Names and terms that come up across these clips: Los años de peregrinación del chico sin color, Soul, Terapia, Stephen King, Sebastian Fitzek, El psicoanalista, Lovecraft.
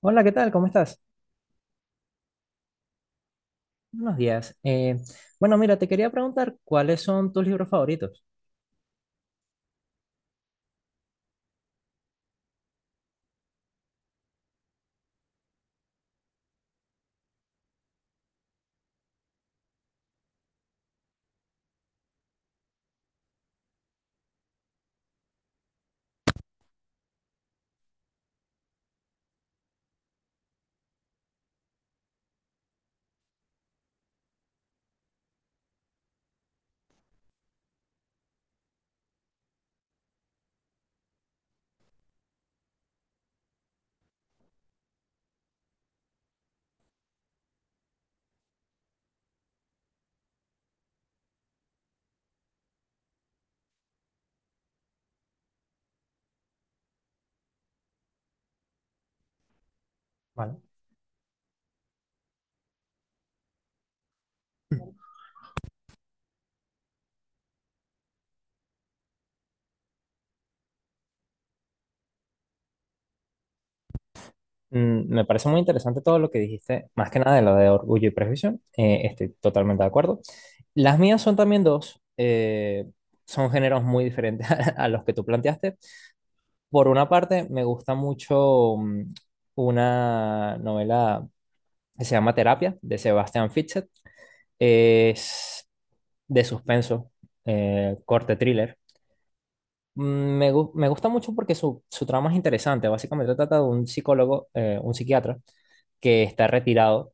Hola, ¿qué tal? ¿Cómo estás? Buenos días. Bueno, mira, te quería preguntar cuáles son tus libros favoritos. Vale. Me parece muy interesante todo lo que dijiste, más que nada de lo de Orgullo y Prejuicio. Estoy totalmente de acuerdo. Las mías son también dos. Son géneros muy diferentes a los que tú planteaste. Por una parte, me gusta mucho una novela que se llama Terapia, de Sebastian Fitzek. Es de suspenso, corte thriller. Me gusta mucho porque su trama es interesante. Básicamente trata de un psicólogo, un psiquiatra, que está retirado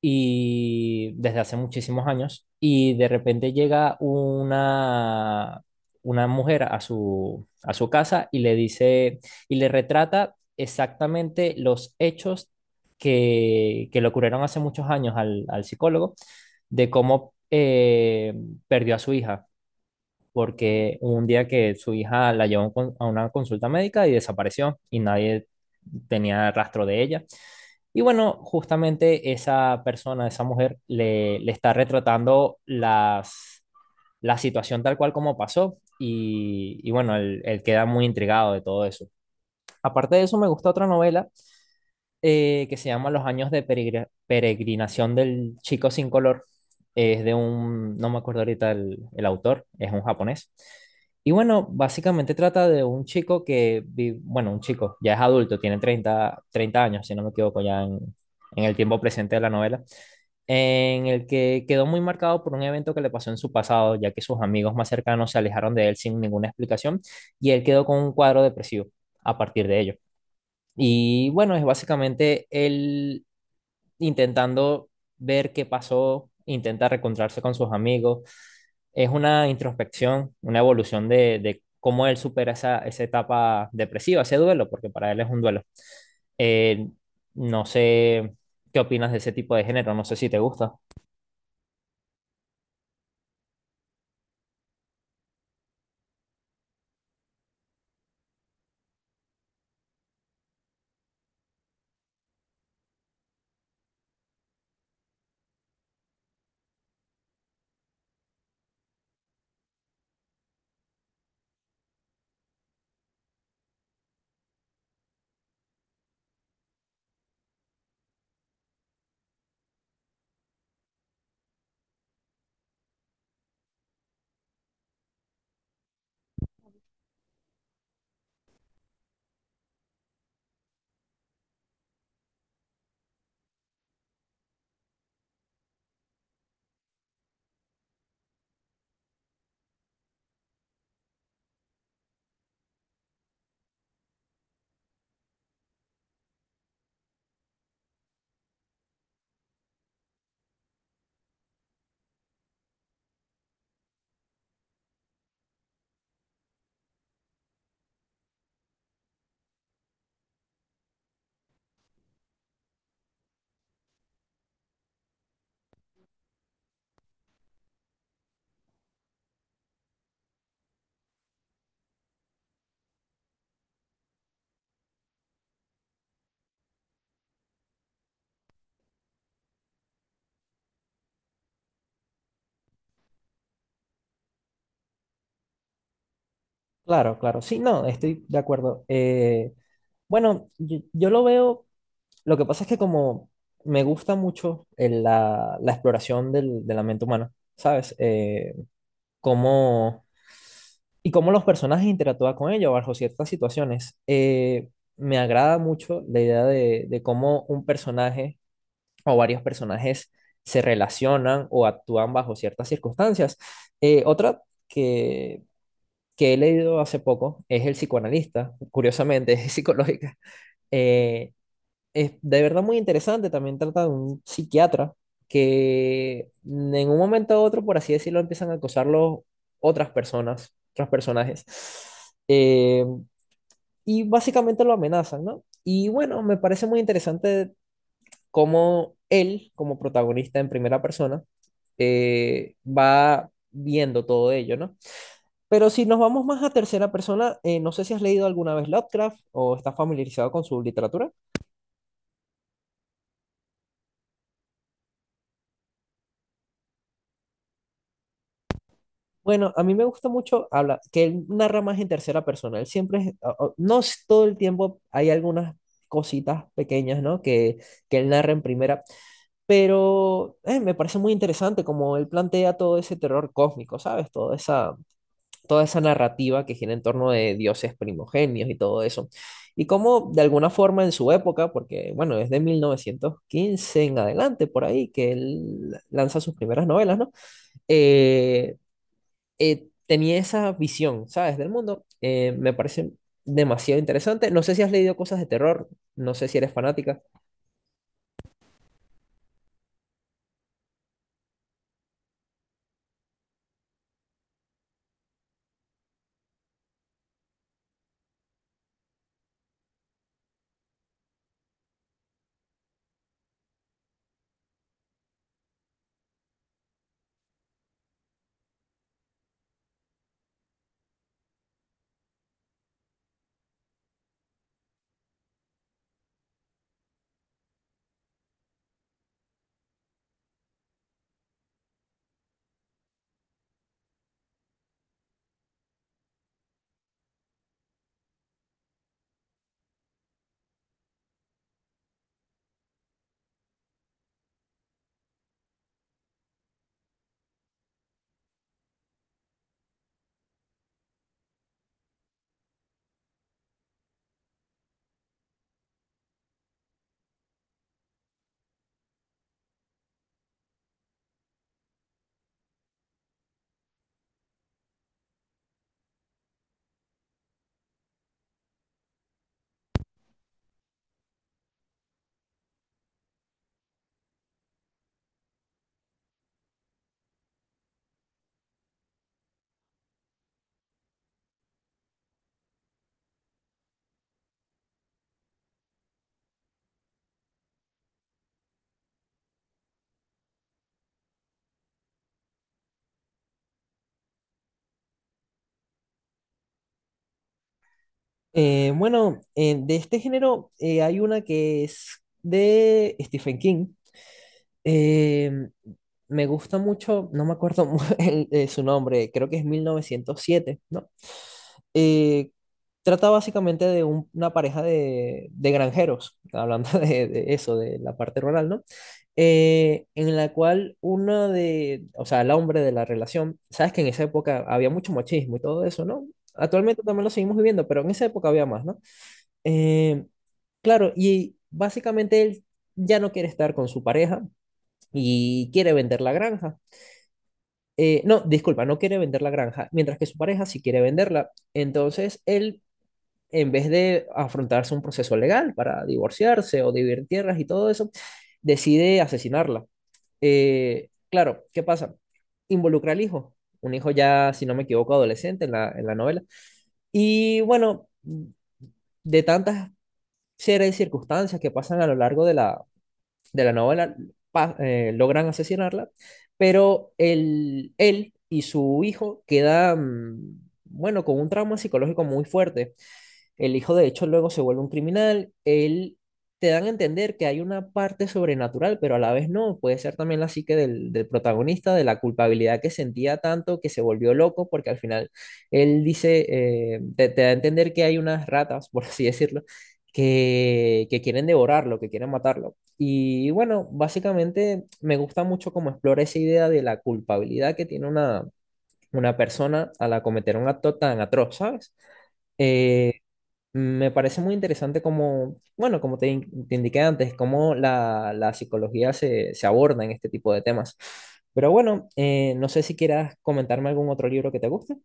y desde hace muchísimos años, y de repente llega una mujer a a su casa y le dice y le retrata exactamente los hechos que le ocurrieron hace muchos años al psicólogo de cómo perdió a su hija porque hubo un día que su hija la llevó a a una consulta médica y desapareció y nadie tenía rastro de ella. Y bueno, justamente esa persona, esa mujer, le está retratando la situación tal cual como pasó. Y bueno, él queda muy intrigado de todo eso. Aparte de eso, me gusta otra novela que se llama Los años de peregrinación del chico sin color. Es de un, no me acuerdo ahorita el autor, es un japonés. Y bueno, básicamente trata de un chico que, bueno, un chico, ya es adulto, tiene treinta años, si no me equivoco, ya en el tiempo presente de la novela, en el que quedó muy marcado por un evento que le pasó en su pasado, ya que sus amigos más cercanos se alejaron de él sin ninguna explicación y él quedó con un cuadro depresivo a partir de ello. Y bueno, es básicamente él intentando ver qué pasó, intenta reencontrarse con sus amigos. Es una introspección, una evolución de cómo él supera esa etapa depresiva, ese duelo, porque para él es un duelo. Eh, no sé qué opinas de ese tipo de género, no sé si te gusta. Claro, claro. Sí, no, estoy de acuerdo. Bueno, yo lo veo. Lo que pasa es que como me gusta mucho la exploración de la mente humana, ¿sabes? Cómo, ¿Y cómo los personajes interactúan con ella bajo ciertas situaciones? Me agrada mucho la idea de cómo un personaje o varios personajes se relacionan o actúan bajo ciertas circunstancias. Otra que, que he leído hace poco es El psicoanalista, curiosamente, es psicológica. Eh, es de verdad muy interesante. También trata de un psiquiatra que en un momento u otro, por así decirlo, empiezan a acosarlo otras personas, otros personajes. Eh, y básicamente lo amenazan, ¿no? Y bueno, me parece muy interesante cómo él, como protagonista en primera persona, va viendo todo ello, ¿no? Pero si nos vamos más a tercera persona, no sé si has leído alguna vez Lovecraft o estás familiarizado con su literatura. Bueno, a mí me gusta mucho habla, que él narra más en tercera persona. Él siempre es, no es todo el tiempo, hay algunas cositas pequeñas, ¿no? Que él narra en primera, pero me parece muy interesante como él plantea todo ese terror cósmico, ¿sabes? Toda esa narrativa que gira en torno de dioses primogenios y todo eso. Y cómo de alguna forma en su época, porque bueno, es de 1915 en adelante, por ahí, que él lanza sus primeras novelas, ¿no? eh, Tenía esa visión, ¿sabes? Del mundo. Me parece demasiado interesante. No sé si has leído cosas de terror, no sé si eres fanática. Bueno, de este género hay una que es de Stephen King. Eh, Me gusta mucho, no me acuerdo su nombre, creo que es 1907, ¿no? Eh, Trata básicamente de una pareja de granjeros, hablando de eso, de la parte rural, ¿no? En la cual uno de, o sea, el hombre de la relación, sabes que en esa época había mucho machismo y todo eso, ¿no? Actualmente también lo seguimos viviendo, pero en esa época había más, ¿no? Eh, Claro, y básicamente él ya no quiere estar con su pareja y quiere vender la granja. No, disculpa, no quiere vender la granja, mientras que su pareja sí quiere venderla. Entonces él, en vez de afrontarse un proceso legal para divorciarse o dividir tierras y todo eso, decide asesinarla. Claro, ¿qué pasa? Involucra al hijo, un hijo ya, si no me equivoco, adolescente en en la novela. Y bueno, de tantas series de circunstancias que pasan a lo largo de de la novela logran asesinarla, pero él y su hijo quedan, bueno, con un trauma psicológico muy fuerte. El hijo, de hecho, luego se vuelve un criminal. Él te dan a entender que hay una parte sobrenatural, pero a la vez no. Puede ser también la psique del protagonista, de la culpabilidad que sentía tanto que se volvió loco, porque al final él dice, te da a entender que hay unas ratas, por así decirlo, que quieren devorarlo, que quieren matarlo. Y bueno, básicamente me gusta mucho cómo explora esa idea de la culpabilidad que tiene una persona al cometer un acto tan atroz, ¿sabes? Eh, Me parece muy interesante como, bueno, como te indiqué antes, cómo la psicología se aborda en este tipo de temas. Pero bueno, no sé si quieras comentarme algún otro libro que te guste.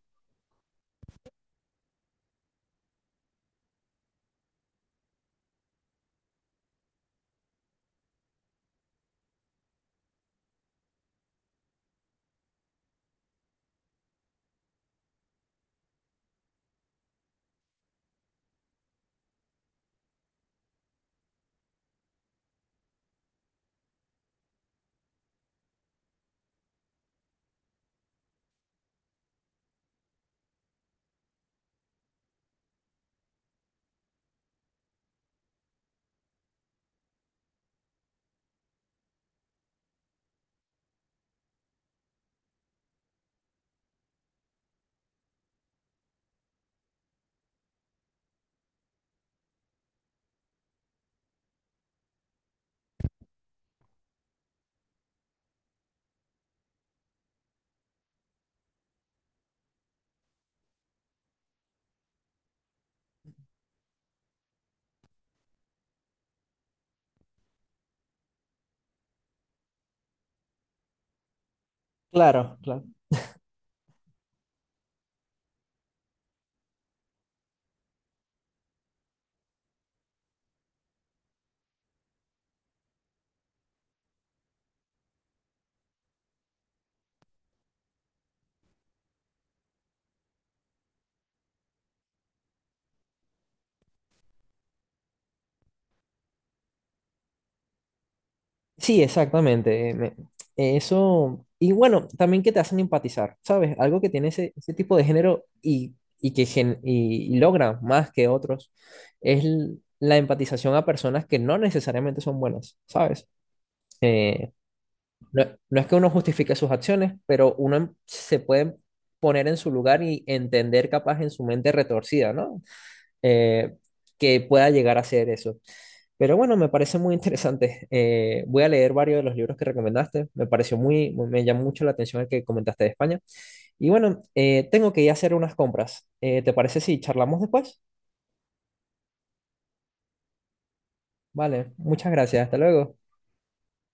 Claro, claro. Sí, exactamente. Eso, y bueno, también que te hacen empatizar, ¿sabes? Algo que tiene ese tipo de género y logra más que otros es la empatización a personas que no necesariamente son buenas, ¿sabes? Eh, No, no es que uno justifique sus acciones, pero se puede poner en su lugar y entender capaz en su mente retorcida, ¿no? Eh, que pueda llegar a ser eso. Pero bueno, me parece muy interesante. Voy a leer varios de los libros que recomendaste. Me pareció muy, me llamó mucho la atención el que comentaste de España. Y bueno, tengo que ir a hacer unas compras. ¿Te parece si charlamos después? Vale, muchas gracias. Hasta luego.